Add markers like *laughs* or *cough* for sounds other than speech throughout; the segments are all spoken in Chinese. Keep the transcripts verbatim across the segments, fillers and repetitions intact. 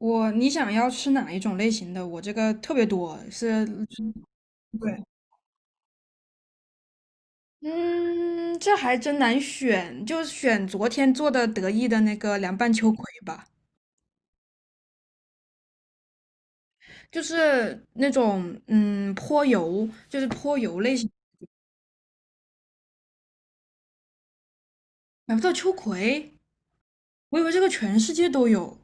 我你想要吃哪一种类型的？我这个特别多，是，对，嗯，这还真难选，就选昨天做的得意的那个凉拌秋葵吧，就是那种嗯泼油，就是泼油类型。买不到秋葵，我以为这个全世界都有。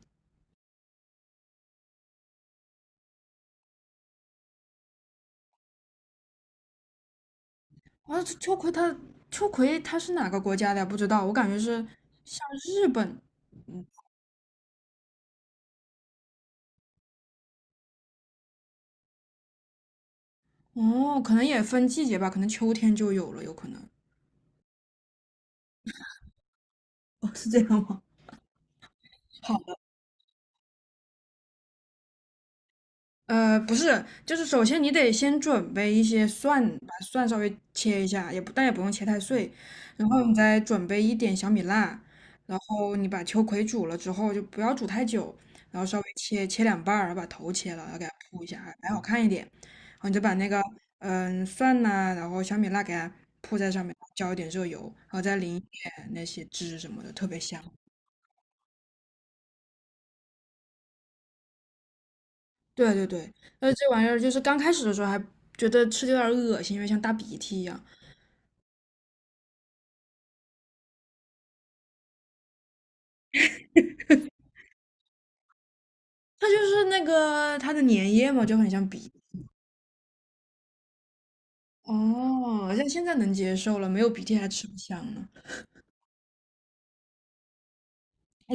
啊，这秋葵它秋葵它是哪个国家的呀不知道，我感觉是像日本，嗯，哦，可能也分季节吧，可能秋天就有了，有可能。哦，是这样吗？好。呃，不是，就是首先你得先准备一些蒜，把蒜稍微切一下，也不，但也不用切太碎，然后你再准备一点小米辣，然后你把秋葵煮了之后就不要煮太久，然后稍微切切两半儿，然后把头切了，然后给它铺一下，还还好看一点。然后你就把那个嗯蒜呐、然后小米辣给它铺在上面，浇一点热油，然后再淋一点那些汁什么的，特别香。对对对，呃，这玩意儿就是刚开始的时候还觉得吃的有点儿恶心，因为像大鼻涕一样。它就是那个它的粘液嘛，就很像鼻涕。哦，像现在能接受了，没有鼻涕还吃不香呢。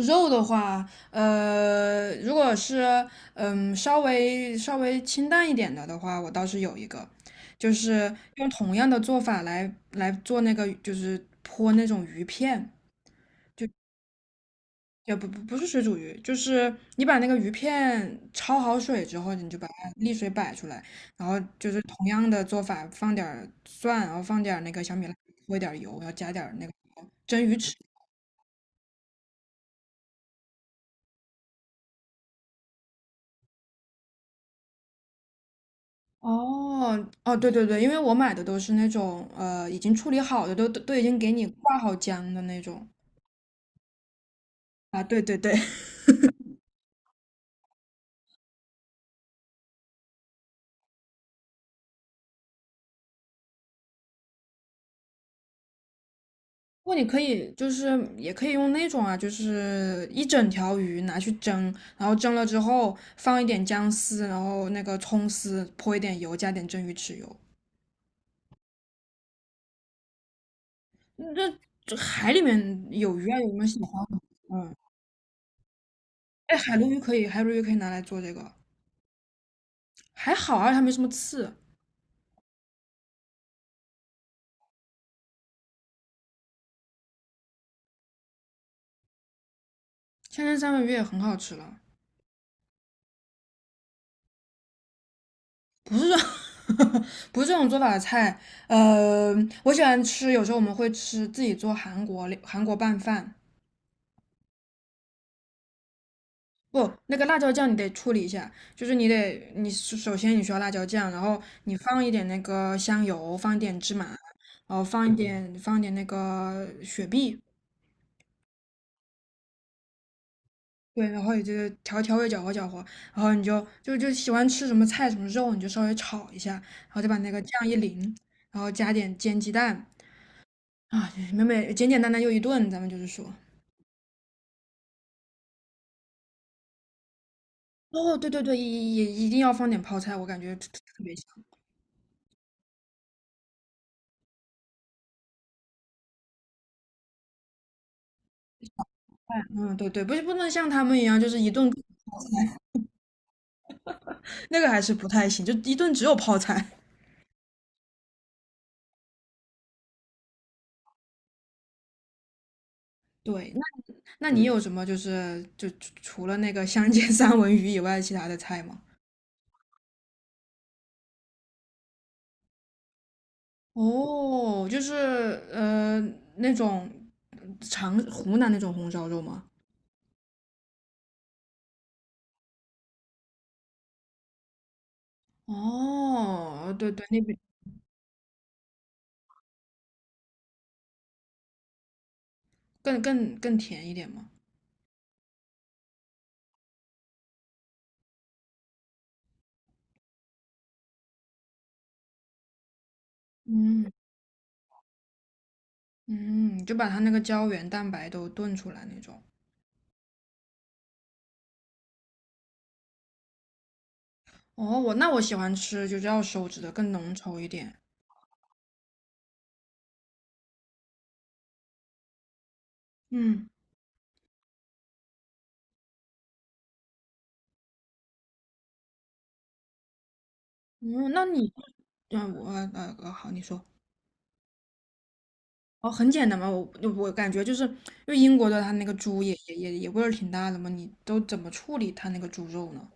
肉的话，呃，如果是嗯稍微稍微清淡一点的的话，我倒是有一个，就是用同样的做法来来做那个，就是泼那种鱼片。就。也不不不是水煮鱼，就是你把那个鱼片焯好水之后，你就把它沥水摆出来，然后就是同样的做法，放点儿蒜，然后放点儿那个小米辣，泼一点儿油，然后加点儿那个蒸鱼豉。哦哦，对对对，因为我买的都是那种呃已经处理好的，都都都已经给你挂好浆的那种啊，对对对，不，过你可以就是也可以用那种啊，就是一整条鱼拿去蒸，然后蒸了之后放一点姜丝，然后那个葱丝，泼一点油，加点蒸鱼豉油。嗯那这海里面有鱼啊，有没有喜欢的？嗯，哎，海鲈鱼可以，海鲈鱼可以拿来做这个，还好啊，它没什么刺。千层三文鱼也很好吃了，*laughs* 不是这种做法的菜。呃，我喜欢吃，有时候我们会吃自己做韩国韩国拌饭，不，那个辣椒酱你得处理一下，就是你得，你首首先你需要辣椒酱，然后你放一点那个香油，放一点芝麻，然后放一嗯点放一点那个雪碧，对，然后你就调调味搅和搅和，然后你就就就喜欢吃什么菜什么肉，你就稍微炒一下，然后再把那个酱一淋，然后加点煎鸡蛋啊，美美简简单单又一顿，咱们就是说。哦，对对对，也也一定要放点泡菜，我感觉特特别香。嗯，对对，不是不能像他们一样，就是一顿那个还是不太行，就一顿只有泡菜。*laughs* 对，那那你嗯有什么就是就除了那个香煎三文鱼以外，其他的菜吗？哦，就是呃那种长湖南那种红烧肉吗？哦，对对，那边更更更甜一点嘛。嗯嗯，就把它那个胶原蛋白都炖出来那种。哦，我那我喜欢吃就是要手指的更浓稠一点。嗯嗯，那你嗯我呃呃好，你说。哦，很简单嘛，我我感觉就是因为英国的它那个猪也也也也味儿挺大的嘛，你都怎么处理它那个猪肉呢？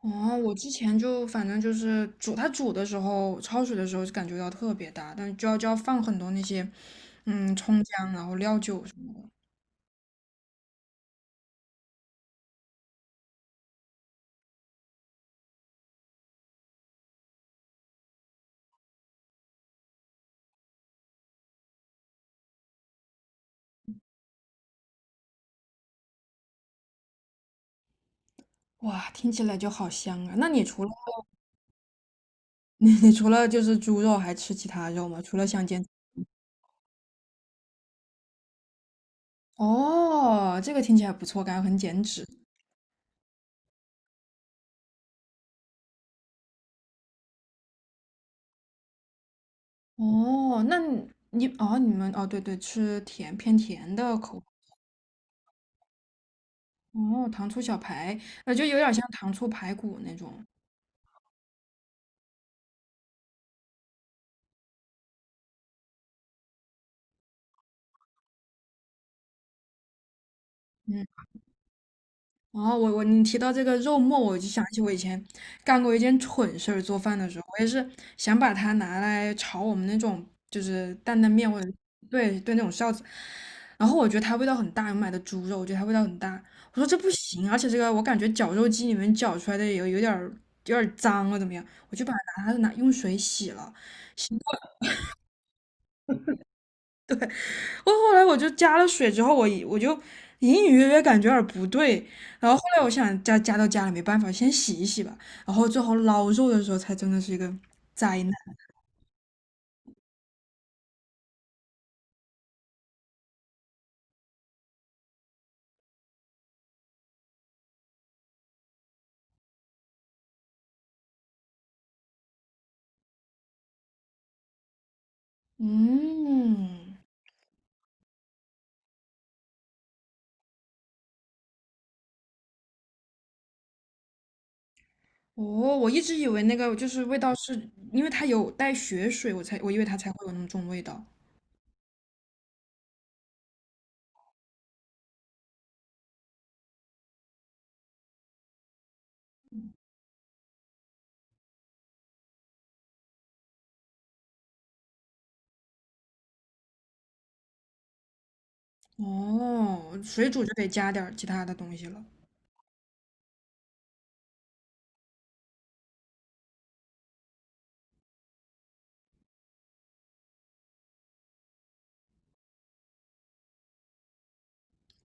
哦，我之前就反正就是煮它煮的时候，焯水的时候就感觉到特别大，但就要就要放很多那些嗯葱姜，然后料酒什么的。哇，听起来就好香啊！那你除了 *laughs* 你你除了就是猪肉，还吃其他肉吗？除了香煎？哦，这个听起来不错，感觉很减脂。哦，那你你哦，你们哦，对对，吃甜偏甜的口，哦，糖醋小排，呃，就有点像糖醋排骨那种，嗯。然后我我你提到这个肉末，我就想起我以前干过一件蠢事儿。做饭的时候，我也是想把它拿来炒我们那种就是担担面或者对对那种臊子，然后我觉得它味道很大，我买的猪肉，我觉得它味道很大。我说这不行，而且这个我感觉绞肉机里面绞出来的有有点儿有点儿脏了，怎么样？我就把它拿拿用水洗了。我后来我就加了水之后，我我就隐隐约约感觉有点不对，然后后来我想加加到家里没办法，先洗一洗吧，然后最后捞肉的时候才真的是一个灾难。嗯，哦，我一直以为那个就是味道是因为它有带血水，我才我以为它才会有那么重味道。哦，水煮就得加点儿其他的东西了。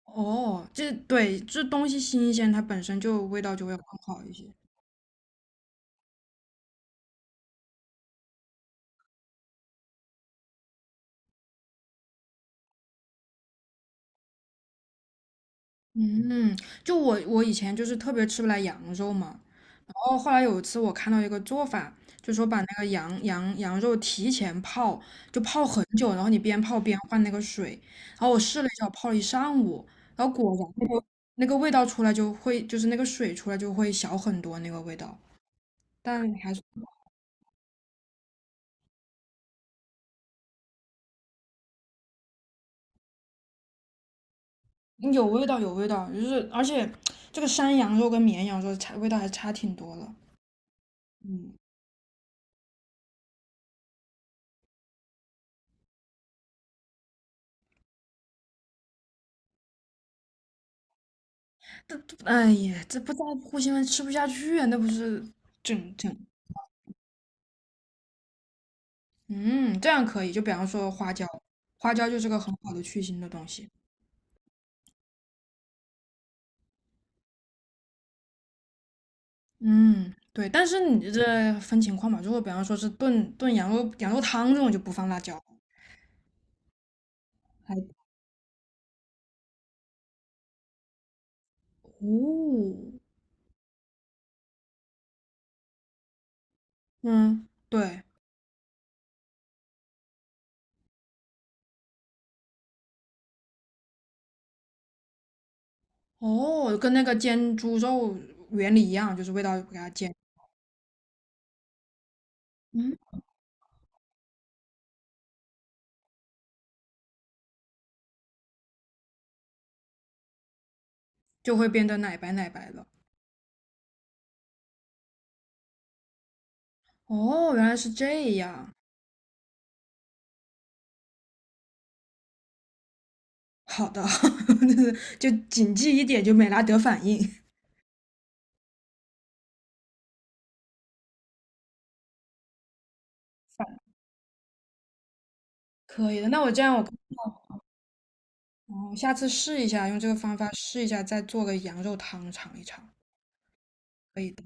哦，这对，这东西新鲜，它本身就味道就会更好一些。嗯，就我我以前就是特别吃不来羊肉嘛，然后后来有一次我看到一个做法，就说把那个羊羊羊肉提前泡，就泡很久，然后你边泡边换那个水，然后我试了一下，我泡了一上午，然后果然那个那个味道出来就会，就是那个水出来就会小很多那个味道，但还是嗯有味道有味道，就是而且这个山羊肉跟绵羊肉差味道还差挺多了，嗯。这这哎呀，这不在乎新闻吃不下去啊，那不是整整，嗯，这样可以。就比方说花椒，花椒就是个很好的去腥的东西。嗯，对，但是你这分情况嘛，如果比方说是炖炖羊肉羊肉汤这种就不放辣椒，还哦，嗯，对，哦，跟那个煎猪肉原理一样，就是味道给它煎，嗯，就会变得奶白奶白的。哦，原来是这样。好的，*laughs* 就是就谨记一点，就美拉德反应。可以的，那我这样我，嗯我下次试一下，用这个方法试一下，再做个羊肉汤尝一尝，可以的。